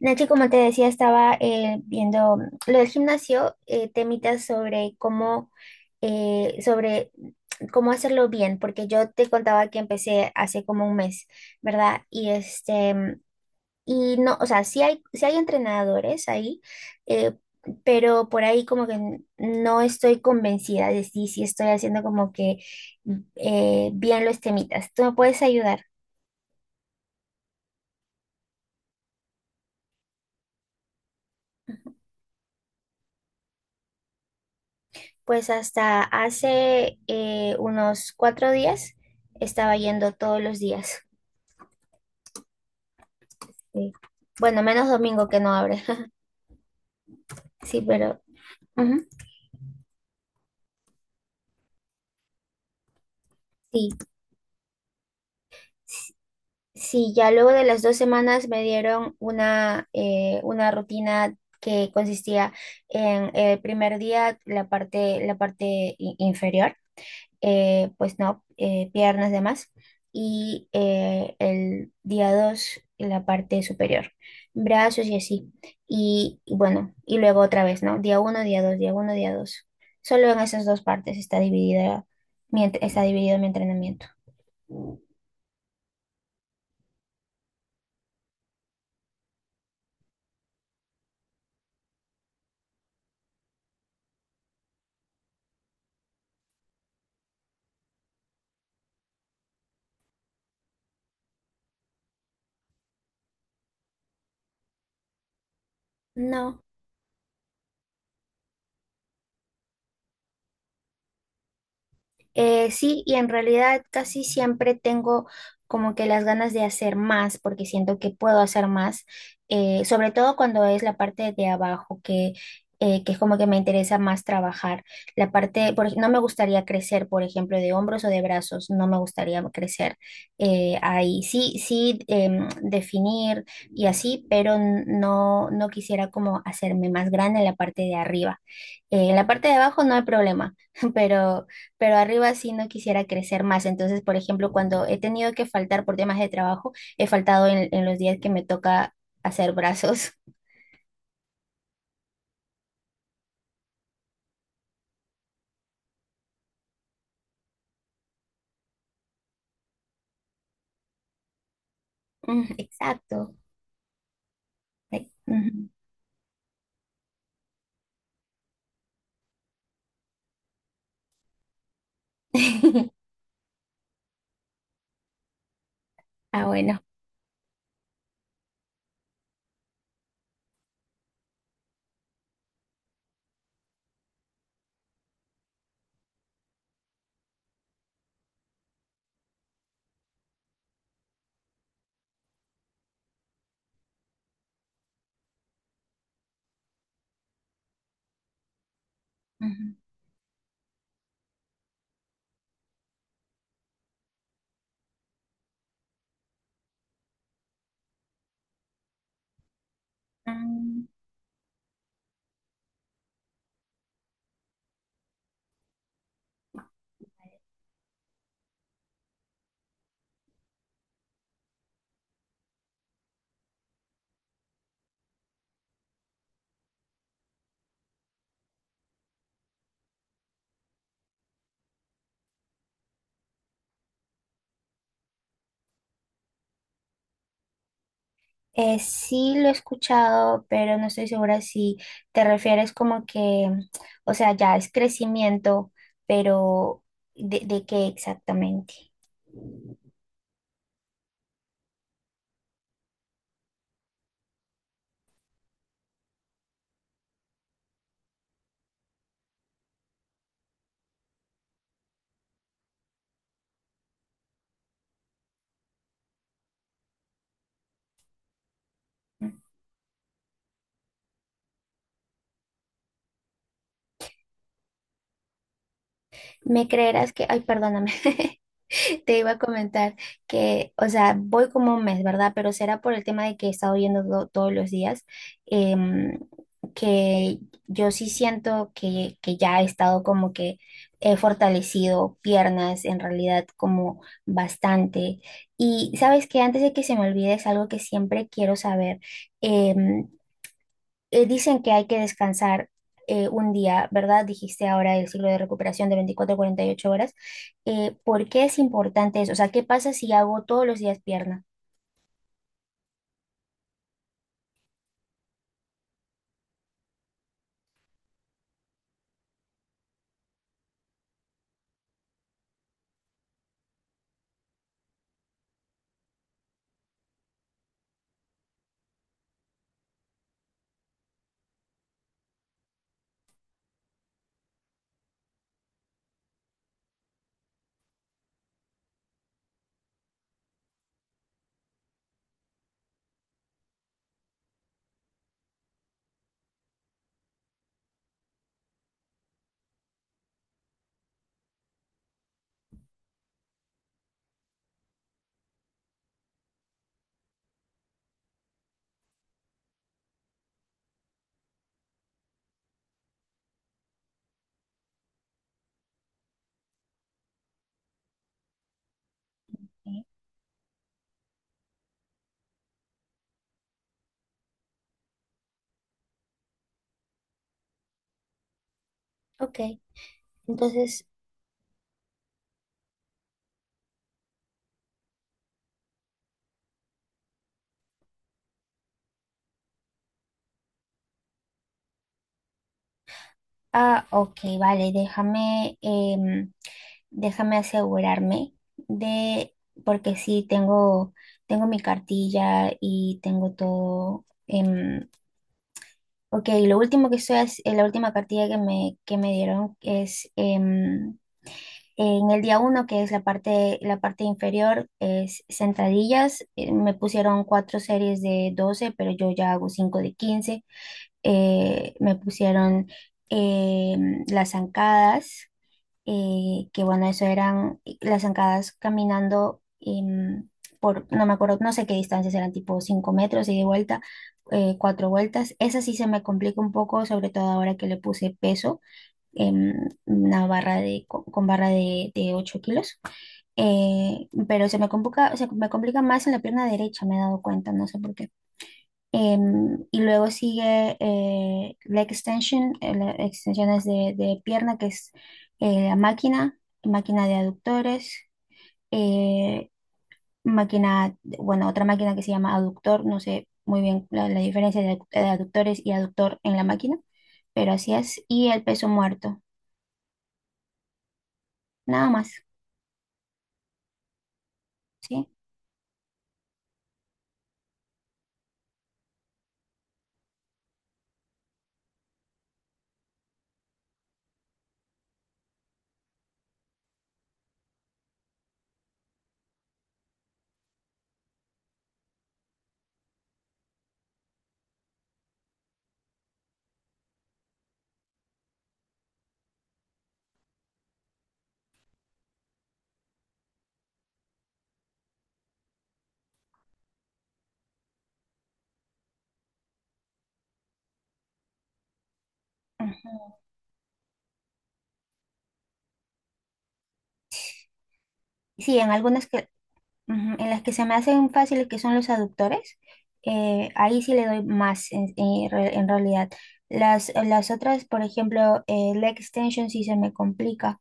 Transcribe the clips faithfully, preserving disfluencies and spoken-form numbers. Nachi, como te decía, estaba eh, viendo mm, lo del gimnasio, eh, temitas sobre cómo, eh, sobre cómo hacerlo bien, porque yo te contaba que empecé hace como un mes, ¿verdad? Y este, mm, y no, o sea, sí hay, sí hay entrenadores ahí, eh, pero por ahí como que n- no estoy convencida de si, si estoy haciendo como que mm, eh, bien los temitas. ¿Tú me puedes ayudar? Pues hasta hace eh, unos cuatro días estaba yendo todos los días. Sí. Bueno, menos domingo que no abre. Sí, pero ujú, sí, sí, ya luego de las dos semanas me dieron una, eh, una rutina que consistía en el primer día la parte, la parte i- inferior, eh, pues no, eh, piernas, demás, y eh, el día dos la parte superior, brazos y así. Y, y bueno, y luego otra vez, ¿no? Día uno, día dos, día uno, día dos. Solo en esas dos partes está dividida mi ent- está dividido mi entrenamiento. No. Eh, sí, y en realidad casi siempre tengo como que las ganas de hacer más, porque siento que puedo hacer más, eh, sobre todo cuando es la parte de abajo, que, eh, que es como que me interesa más trabajar. La parte, por ej- No me gustaría crecer, por ejemplo, de hombros o de brazos, no me gustaría crecer eh, ahí. Sí, sí, em, definir y así, pero n- no, no quisiera como hacerme más grande en la parte de arriba. Eh, en la parte de abajo no hay problema, pero pero arriba sí no quisiera crecer más. Entonces, por ejemplo, cuando he tenido que faltar por temas de trabajo, he faltado en, en los días que me toca hacer brazos. Mm, exacto. Ay, ujú. Ah, bueno. Ujú. Mm, eh, sí lo he escuchado, pero no estoy segura si te refieres como que, o sea, ya es crecimiento, pero ¿de, de qué exactamente? ¿Me creerás que, ay, perdóname? Te iba a comentar que, o sea, voy como un mes, ¿verdad? Pero será por el tema de que he estado yendo to- todos los días, em, que yo sí siento que, que ya he estado como que he fortalecido piernas, en realidad como bastante. Y sabes que antes de que se me olvide es algo que siempre quiero saber. em, eh, Dicen que hay que descansar eh, un día, ¿verdad? Dijiste ahora el ciclo de recuperación de veinticuatro a cuarenta y ocho horas. Eh, ¿por qué es importante eso? O sea, ¿qué pasa si hago todos los días pierna? ¿Eh? Ok, entonces, ah, ok, vale, déjame, em, déjame asegurarme de, porque sí, tengo, tengo mi cartilla y tengo todo. Em, ok, lo último que estoy, hac- eh, la última cartilla que me, que me dieron es... em, en el día uno, que es la parte, la parte inferior, es sentadillas. Eh, Me pusieron cuatro series de doce, pero yo ya hago cinco de quince. Eh, me pusieron eh, las zancadas, eh, que bueno, eso eran eh, las zancadas caminando, em, por, no me acuerdo, no sé qué distancias eran, tipo cinco metros y de vuelta, eh, cuatro vueltas. Esa sí se me complica un poco, sobre todo ahora que le puse peso, em, una barra de, con, con barra de, de ocho kilos, eh, pero se me complica, se me complica más en la pierna derecha, me he dado cuenta, no sé por qué. Em, y luego sigue eh, leg extension, eh, la extensión de, de pierna, que es eh, la máquina, máquina de aductores, eh, máquina, bueno, otra máquina que se llama aductor, no sé muy bien la, la diferencia de, de aductores y aductor en la máquina, pero así es, y el peso muerto, nada más. ¿Sí? Ujú. Sí, en algunas que, ujú, en las que se me hacen fáciles, que son los aductores, eh, ahí sí le doy más en, en re- en realidad. Las, las otras, por ejemplo, eh, leg extension sí se me complica.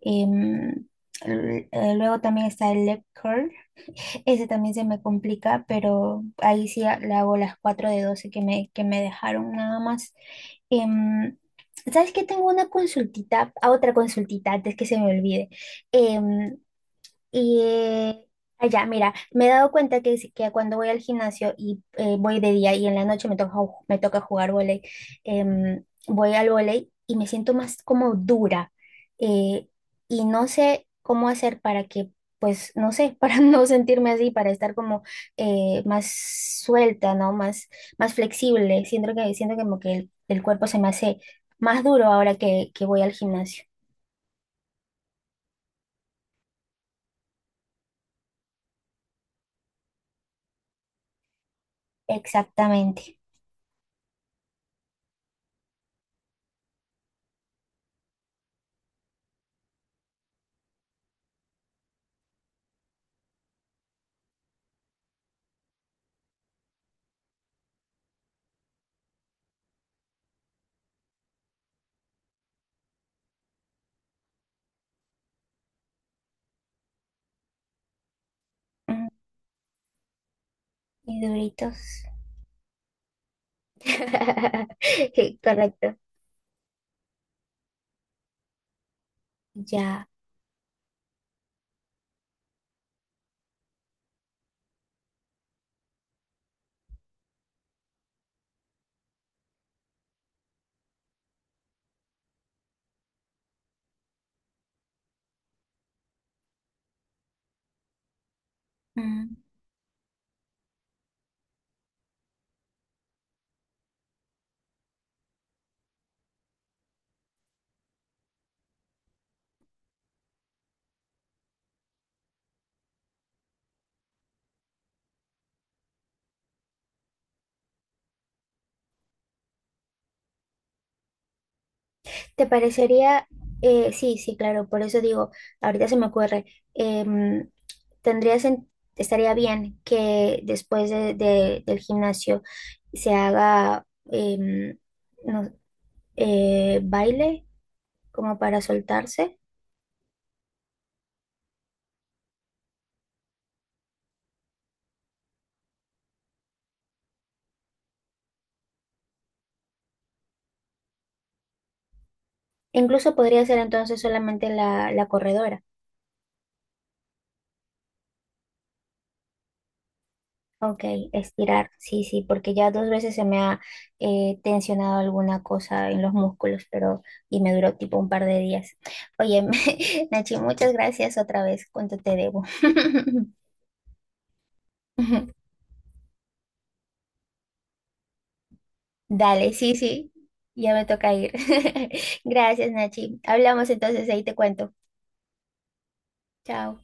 Em, l- eh, Luego también está el leg curl, ese también se me complica, pero ahí sí a- le hago las cuatro de doce que me, que me dejaron, nada más. Em, ¿Sabes qué? Tengo una consultita, a otra consultita antes que se me olvide. Em, Y eh, Allá, mira, me he dado cuenta que, si- que cuando voy al gimnasio y eh, voy de día y en la noche me toca, ju- me toca jugar vóley, em, voy al vóley y me siento más como dura. eh, y no sé cómo hacer para que, pues, no sé, para no sentirme así, para estar como eh, más suelta, ¿no? Más, más flexible. Siento que, siento como que el, el cuerpo se me hace más duro ahora que, que voy al gimnasio. Exactamente. Mm, y duritos. Correcto. Ya. Mm. ¿Te parecería? Eh, sí, sí, claro. Por eso digo, ahorita se me ocurre. em, Tendría sen- estaría bien que después de- de- del gimnasio se haga, em, no- eh, baile como para soltarse. Incluso podría ser entonces solamente la, la corredora. Ok, estirar, sí, sí, porque ya dos veces se me ha eh, tensionado alguna cosa en los músculos, pero y me duró tipo un par de días. Oye, Nachi, muchas gracias otra vez, ¿cuánto te debo? Dale, sí, sí, ya me toca ir. Gracias, Nachi. Hablamos entonces, ahí te cuento. Chao.